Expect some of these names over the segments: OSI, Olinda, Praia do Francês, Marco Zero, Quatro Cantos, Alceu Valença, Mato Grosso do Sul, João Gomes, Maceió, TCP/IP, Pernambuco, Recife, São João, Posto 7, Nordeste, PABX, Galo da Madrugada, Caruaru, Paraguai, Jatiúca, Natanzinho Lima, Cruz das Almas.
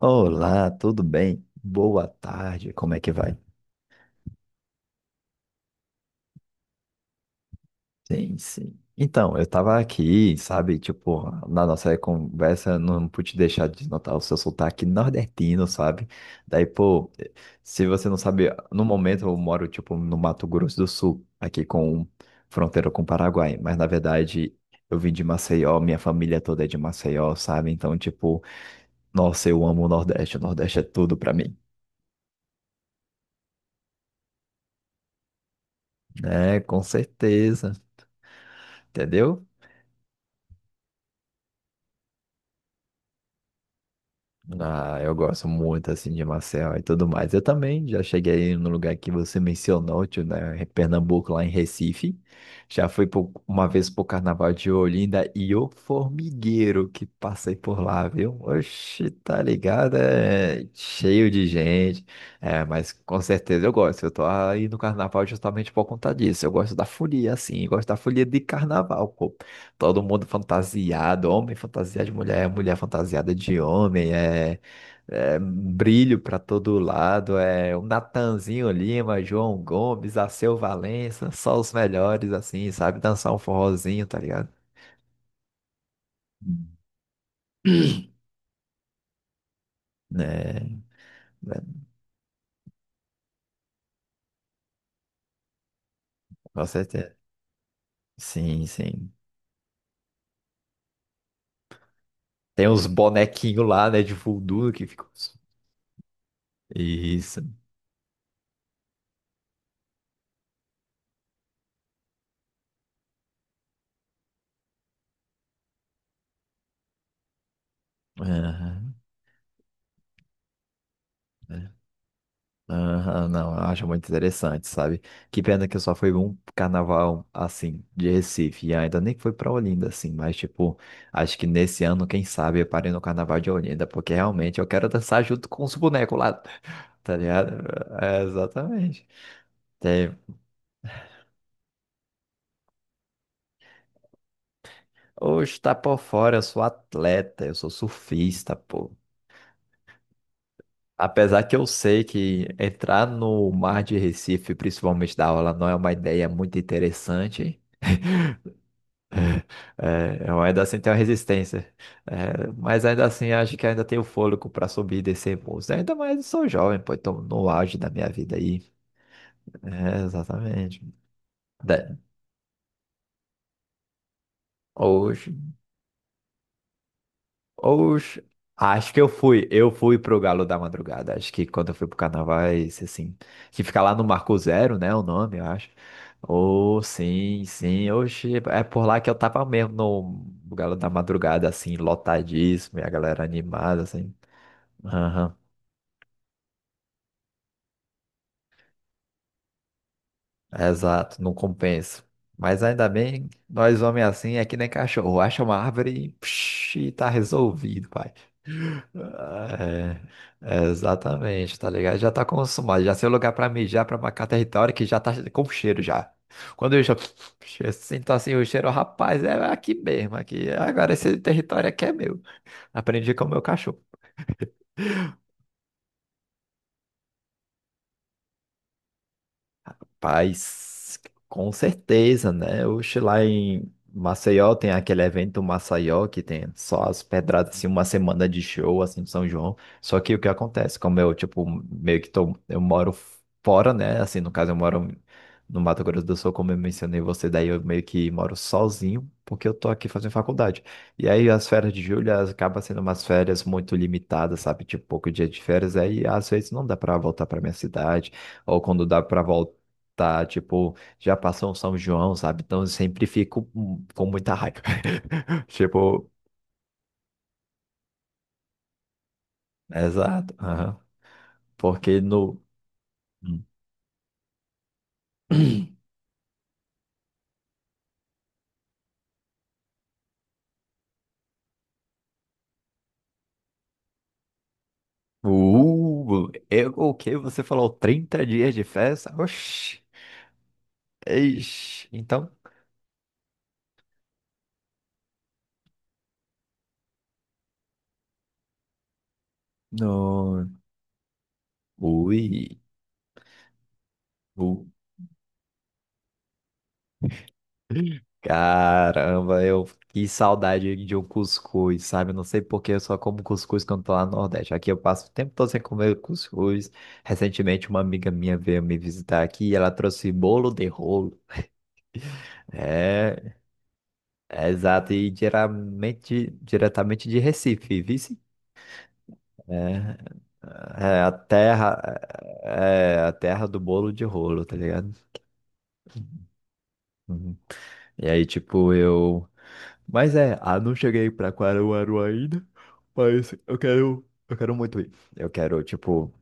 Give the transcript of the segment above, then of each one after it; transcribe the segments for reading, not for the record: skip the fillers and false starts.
Olá, tudo bem? Boa tarde, como é que vai? Sim. Então, eu tava aqui, sabe, tipo, na nossa conversa, eu não pude deixar de notar o seu sotaque nordestino, sabe? Daí, pô, se você não sabe, no momento eu moro, tipo, no Mato Grosso do Sul, aqui com fronteira com o Paraguai, mas na verdade eu vim de Maceió, minha família toda é de Maceió, sabe? Então, tipo, nossa, eu amo o Nordeste é tudo pra mim, né? Com certeza, entendeu? Ah, eu gosto muito assim de Maceió e tudo mais. Eu também já cheguei no lugar que você mencionou, tio, né? Em Pernambuco, lá em Recife. Uma vez pro Carnaval de Olinda e o formigueiro que passei por lá, viu? Oxi, tá ligado? É cheio de gente. É, mas com certeza eu gosto. Eu tô aí no Carnaval justamente por conta disso. Eu gosto da folia, assim, gosto da folia de Carnaval. Todo mundo fantasiado, homem fantasiado de mulher, mulher fantasiada de homem, é, é brilho para todo lado, é o Natanzinho Lima, João Gomes, Alceu Valença, só os melhores, assim, sabe? Dançar um forrozinho, tá ligado? Hum. É, né, com certeza. Sim. Tem uns bonequinhos lá, né, de voodoo que ficam. Isso. Aham. É. Aham, não, eu acho muito interessante, sabe? Que pena que eu só fui um carnaval assim de Recife e ainda nem fui pra Olinda assim, mas tipo, acho que nesse ano, quem sabe, eu parei no carnaval de Olinda, porque realmente eu quero dançar junto com os bonecos lá, tá ligado? É, exatamente. Tem, hoje tá por fora, eu sou atleta, eu sou surfista, pô. Apesar que eu sei que entrar no mar de Recife, principalmente da aula, não é uma ideia muito interessante. É, eu ainda assim tenho a resistência. É, mas ainda assim acho que ainda tenho fôlego para subir e descer muros. Ainda mais eu sou jovem, pô, então no auge da minha vida aí. É, exatamente. Da- Hoje, hoje, acho que eu fui pro Galo da Madrugada. Acho que quando eu fui pro Carnavais, assim, que fica lá no Marco Zero, né, o nome, eu acho. Oh, sim. Hoje é por lá que eu tava mesmo no Galo da Madrugada, assim, lotadíssimo, e a galera animada, assim. Aham. Exato, não compensa. Mas ainda bem, nós homens assim é que nem cachorro. Acha uma árvore e, psh, e tá resolvido, pai. Ah, é, exatamente, tá ligado? Já tá consumado, já sei o lugar pra mijar, pra marcar território que já tá com cheiro já. Quando eu já Eu sinto assim o cheiro, rapaz, é aqui mesmo, aqui. Agora esse território aqui é meu. Aprendi com o meu cachorro. Rapaz, com certeza, né? Oxe, lá em Maceió tem aquele evento Maceió que tem só as pedradas, assim, uma semana de show, assim, de São João. Só que o que acontece, como eu, tipo, meio que tô, eu moro fora, né? Assim, no caso, eu moro no Mato Grosso do Sul, como eu mencionei você, daí eu meio que moro sozinho, porque eu tô aqui fazendo faculdade. E aí as férias de julho elas acabam sendo umas férias muito limitadas, sabe? Tipo, pouco dia de férias, aí às vezes não dá pra voltar pra minha cidade ou quando dá para tá, tipo, já passou um São João, sabe? Então eu sempre fico com muita raiva. Tipo, exato. Aham. Porque no. Hum. Eu, o que Você falou 30 dias de festa? Oxi, eixe. Então, no. Ui. U- Caramba, eu que saudade de um cuscuz, sabe? Eu não sei por eu só como cuscuz quando tô lá no Nordeste. Aqui eu passo o tempo todo sem comer cuscuz. Recentemente uma amiga minha veio me visitar aqui e ela trouxe bolo de rolo. É, é exato, e geralmente, diretamente de Recife, vice? É, é a terra, é a terra do bolo de rolo, tá ligado? Uhum. E aí, tipo, eu Mas é, ah, não cheguei pra Caruaru ainda, mas eu quero muito ir. Eu quero, tipo,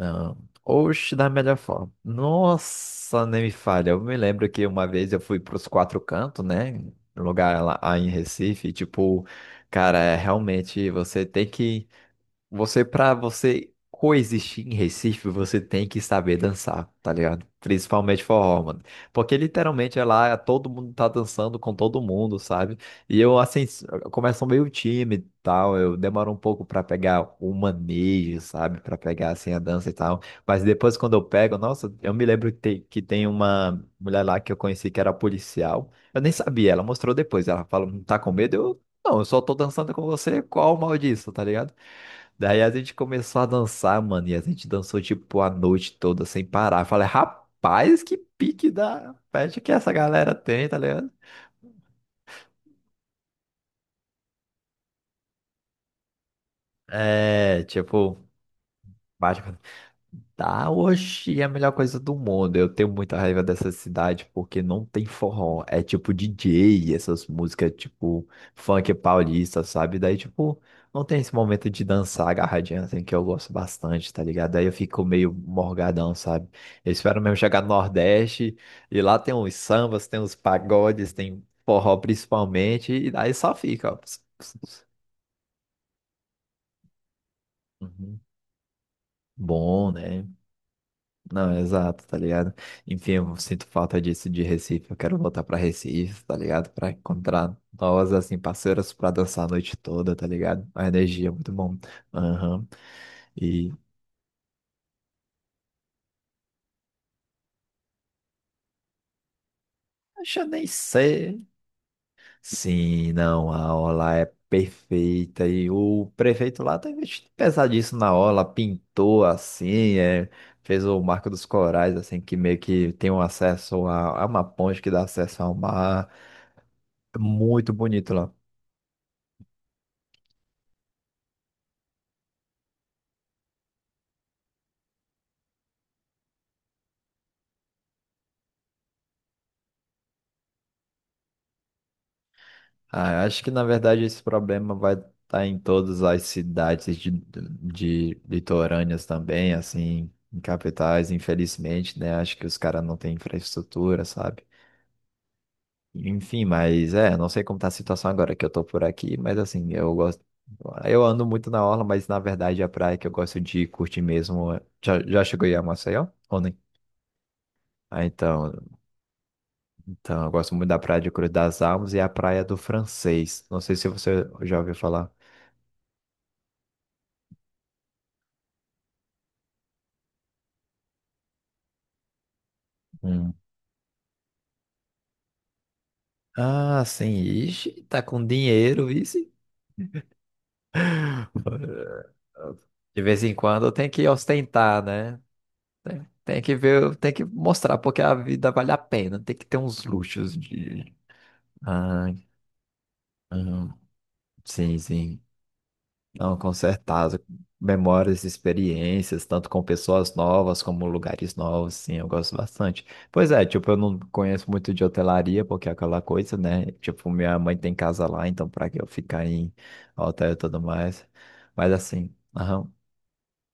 ah, oxe, da melhor forma. Nossa, nem me falha. Eu me lembro que uma vez eu fui pros Quatro Cantos, né? Lugar lá, lá em Recife, e, tipo, cara, é, realmente você tem que Você, pra você coexistir em Recife, você tem que saber dançar, tá ligado? Principalmente forró, mano. Porque literalmente é lá, é, todo mundo tá dançando com todo mundo, sabe? E eu, assim, eu começo meio tímido e tal, eu demoro um pouco pra pegar o manejo, sabe? Pra pegar, assim, a dança e tal. Mas depois, quando eu pego, nossa, eu me lembro que tem uma mulher lá que eu conheci que era policial. Eu nem sabia, ela mostrou depois. Ela falou, não tá com medo? Eu, não, eu só tô dançando com você, qual o mal disso, tá ligado? Daí a gente começou a dançar, mano, e a gente dançou tipo a noite toda sem parar. Falei, rapaz, que pique da festa que essa galera tem, tá ligado? É, tipo, bate Tá, oxi, é a melhor coisa do mundo. Eu tenho muita raiva dessa cidade porque não tem forró. É tipo DJ, essas músicas tipo funk paulista, sabe? Daí, tipo, não tem esse momento de dançar agarradinha assim que eu gosto bastante, tá ligado? Daí eu fico meio morgadão, sabe? Eu espero mesmo chegar no Nordeste e lá tem uns sambas, tem uns pagodes, tem forró principalmente, e daí só fica, ó. Uhum. Bom, né? Não, exato, tá ligado? Enfim, eu sinto falta disso de Recife. Eu quero voltar pra Recife, tá ligado? Pra encontrar novas, assim, parceiras pra dançar a noite toda, tá ligado? A energia é muito bom. Aham. E Acho eu nem sei. Sim, não, a aula é perfeita. E o prefeito lá tá investindo pesadíssimo na aula, pintou assim, é, fez o Marco dos Corais, assim, que meio que tem um acesso a uma ponte que dá acesso ao mar. É muito bonito lá. Ah, eu acho que na verdade esse problema vai estar em todas as cidades de litorâneas também, assim, em capitais, infelizmente, né? Acho que os caras não têm infraestrutura, sabe? Enfim, mas é, não sei como tá a situação agora que eu tô por aqui, mas assim, eu gosto. Eu ando muito na orla, mas na verdade a praia que eu gosto de curtir mesmo. Já chegou aí a Maceió? Ou nem? Ah, então, então, eu gosto muito da Praia de Cruz das Almas e a Praia do Francês. Não sei se você já ouviu falar. Ah, sim. Ixi, tá com dinheiro, vice. De vez em quando tem que ostentar, né? Tem, tem que ver, tem que mostrar porque a vida vale a pena. Tem que ter uns luxos de. Ah, ah, sim. Não, com certeza. Memórias, experiências, tanto com pessoas novas como lugares novos, sim, eu gosto bastante. Pois é, tipo, eu não conheço muito de hotelaria, porque é aquela coisa, né? Tipo, minha mãe tem casa lá, então pra que eu ficar em hotel e tudo mais? Mas assim, aham.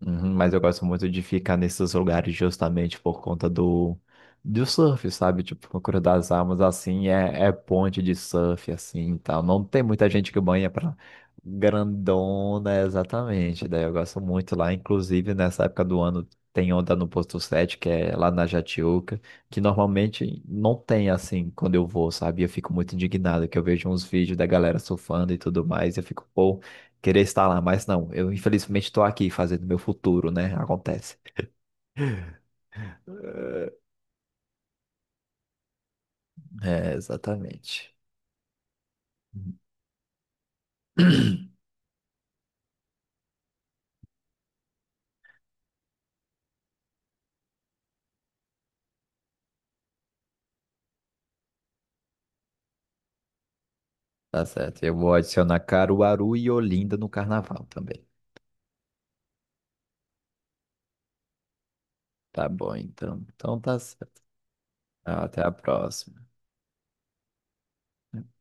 Uhum, mas eu gosto muito de ficar nesses lugares justamente por conta do surf, sabe? Tipo, no Curo das Almas, assim, é ponte de surf, assim, e tal. Não tem muita gente que banha pra grandona, exatamente. Daí eu gosto muito lá, inclusive nessa época do ano tem onda no Posto 7, que é lá na Jatiúca, que normalmente não tem, assim, quando eu vou, sabe? Eu fico muito indignado, que eu vejo uns vídeos da galera surfando e tudo mais, e eu fico, pô, Queria estar lá, mas não. Eu infelizmente estou aqui fazendo meu futuro, né? Acontece. É, exatamente. Tá certo. Eu vou adicionar Caruaru e Olinda no carnaval também. Tá bom, então. Então tá certo. Até a próxima.